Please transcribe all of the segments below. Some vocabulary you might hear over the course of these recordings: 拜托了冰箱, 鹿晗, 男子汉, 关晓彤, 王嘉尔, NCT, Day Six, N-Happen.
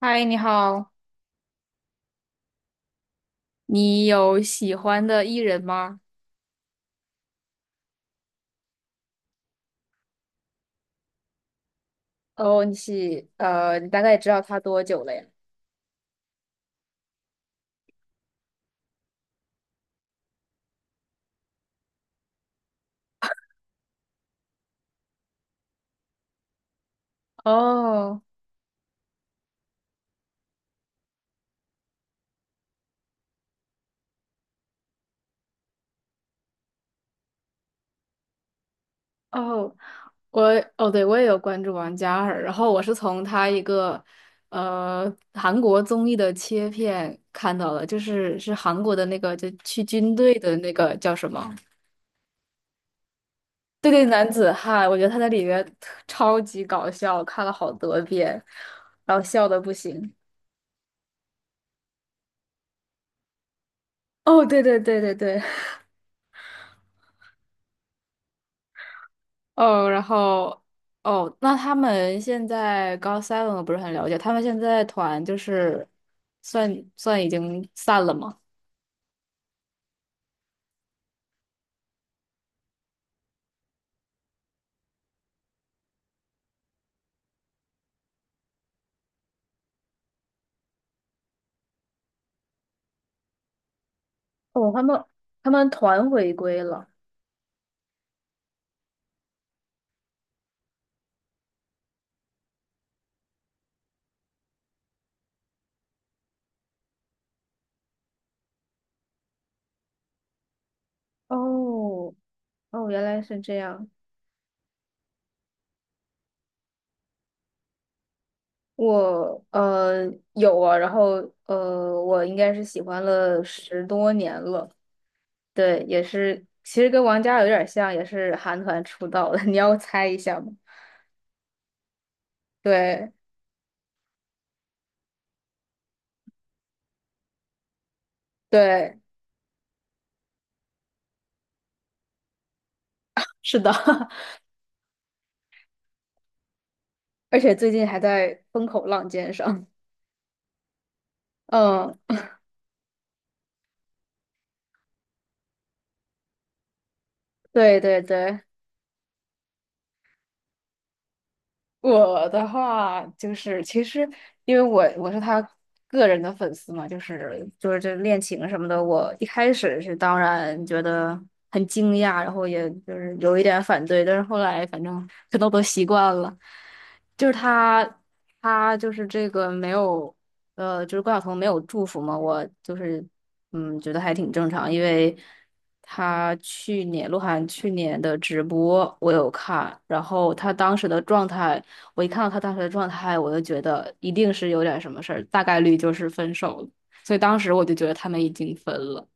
嗨，你好，你有喜欢的艺人吗？哦，你大概知道他多久了呀？哦哦，我哦，对，我也有关注王嘉尔，然后我是从他一个韩国综艺的切片看到的，就是韩国的那个就去军队的那个叫什么？对对，男子汉，我觉得他在里面特超级搞笑，看了好多遍，然后笑的不行。哦，对对对对对，哦，然后哦，那他们现在高 seven 我不是很了解，他们现在团就是算算已经散了吗？哦，他们团回归了。哦哦，原来是这样。我有啊，然后我应该是喜欢了10多年了。对，也是，其实跟王嘉尔有点像，也是韩团出道的。你要猜一下吗？对对，是的，而且最近还在风口浪尖上。嗯，对对对，我的话就是，其实因为我是他个人的粉丝嘛，就是这恋情什么的，我一开始是当然觉得很惊讶，然后也就是有一点反对，但是后来反正可能我都习惯了。就是他就是这个没有就是关晓彤没有祝福嘛，我就是觉得还挺正常，因为他去年鹿晗去年的直播我有看，然后他当时的状态。我一看到他当时的状态，我就觉得一定是有点什么事儿，大概率就是分手了。所以当时我就觉得他们已经分了。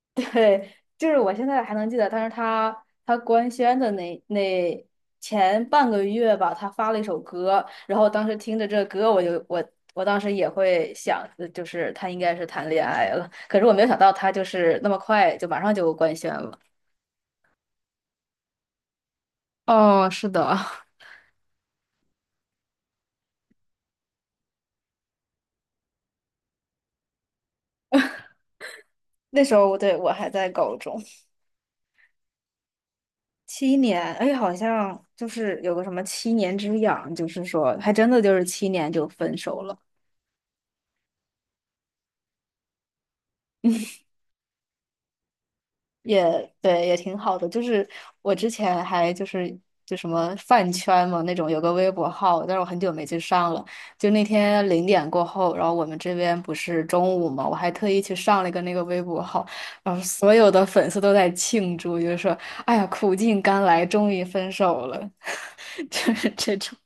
对，就是我现在还能记得，但是他官宣的那前半个月吧，他发了一首歌，然后当时听着这歌，我就我我当时也会想，就是他应该是谈恋爱了，可是我没有想到他就是那么快就马上就官宣了。哦，是的，那时候我还在高中，七年，哎，好像就是有个什么七年之痒，就是说还真的就是七年就分手了，也对，也挺好的。就是我之前还就什么饭圈嘛那种，有个微博号，但是我很久没去上了。就那天0点过后，然后我们这边不是中午嘛，我还特意去上了一个那个微博号，然后所有的粉丝都在庆祝，就是说，哎呀，苦尽甘来，终于分手了，就是这种。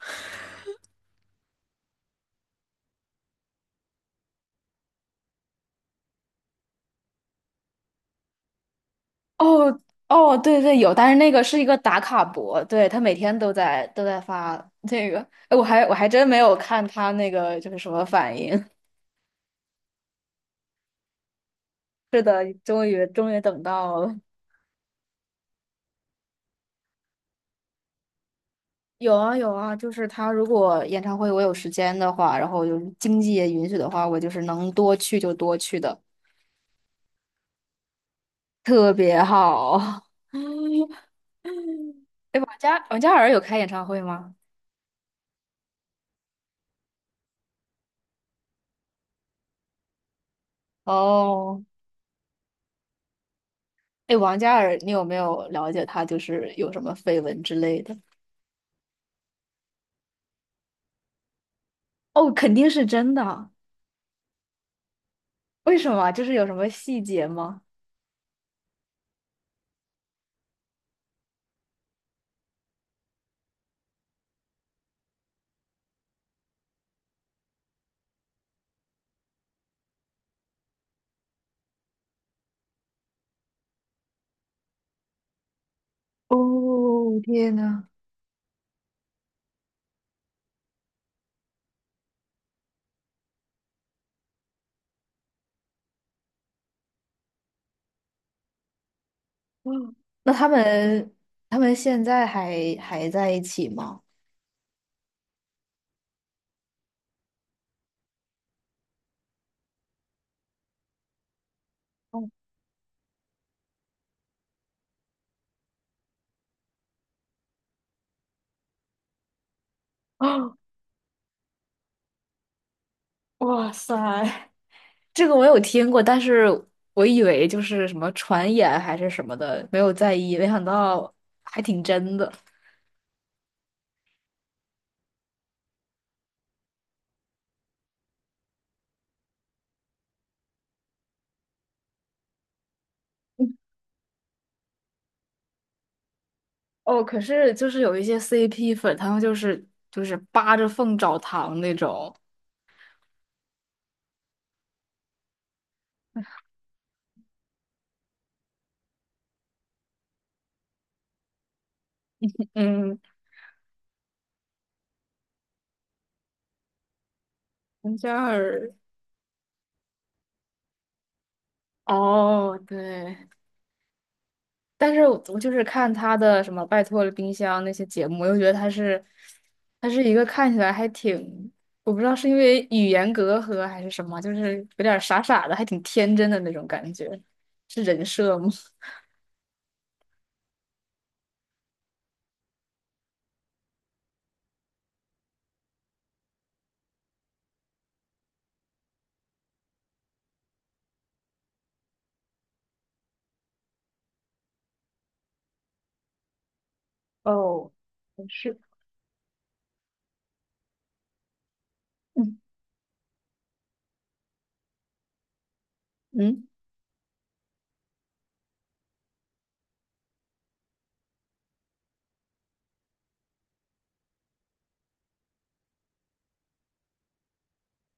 哦哦，对对有，但是那个是一个打卡博，对，他每天都在发这个，哎，我还真没有看他那个就是什么反应。是的，终于终于等到了。有啊有啊，就是他如果演唱会我有时间的话，然后有经济也允许的话，我就是能多去就多去的，特别好。哎，王嘉尔有开演唱会吗？哦，哎，王嘉尔，你有没有了解他就是有什么绯闻之类的？哦，肯定是真的。为什么啊？就是有什么细节吗？哦，天呐，嗯那他们现在还在一起吗？哦啊，哇塞 这个我有听过，但是我以为就是什么传言还是什么的，没有在意，没想到还挺真的。哦，可是就是有一些 CP 粉，他们就是扒着缝找糖那种。嗯，王嘉尔。哦，对，但是我就是看他的什么《拜托了冰箱》那些节目，我又觉得他是，他是一个看起来还挺，我不知道是因为语言隔阂还是什么，就是有点傻傻的，还挺天真的那种感觉，是人设吗？哦，不是，嗯嗯，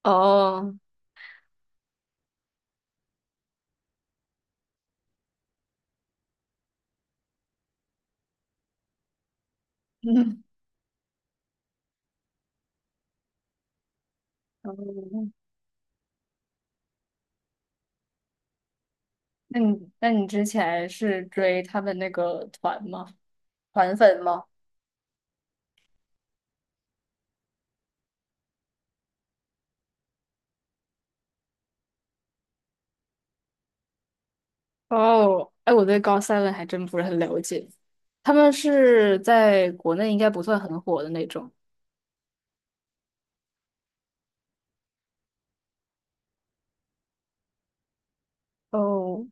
哦，嗯，哦，那你之前是追他们那个团吗？团粉吗？哦，哎，我对高 seven 还真不是很了解，他们是在国内应该不算很火的那种。哦，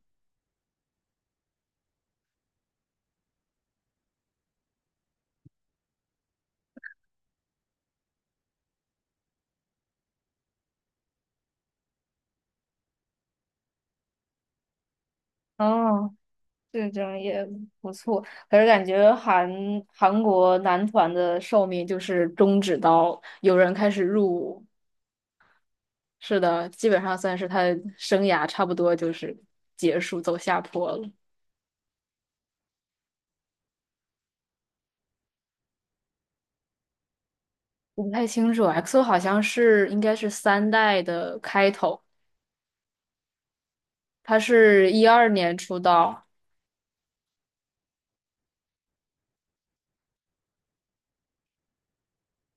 哦，这种也不错。可是感觉韩国男团的寿命就是终止到有人开始入伍，是的，基本上算是他生涯差不多就是结束走下坡了。我不太清楚 XO 好像是应该是三代的开头，他是12年出道，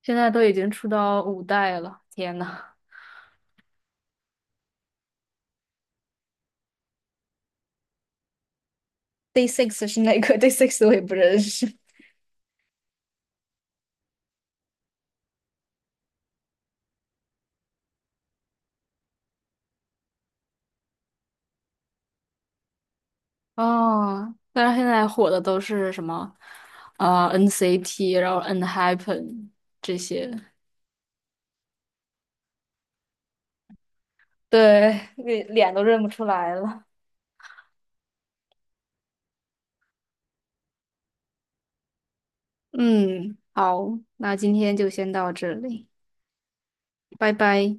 现在都已经出到五代了，天呐！Day Six 是哪个 ？Day Six 我也不认识。哦，但是现在火的都是什么？啊、NCT 然后 N-Happen 这些。对，脸都认不出来了。嗯，好，那今天就先到这里，拜拜。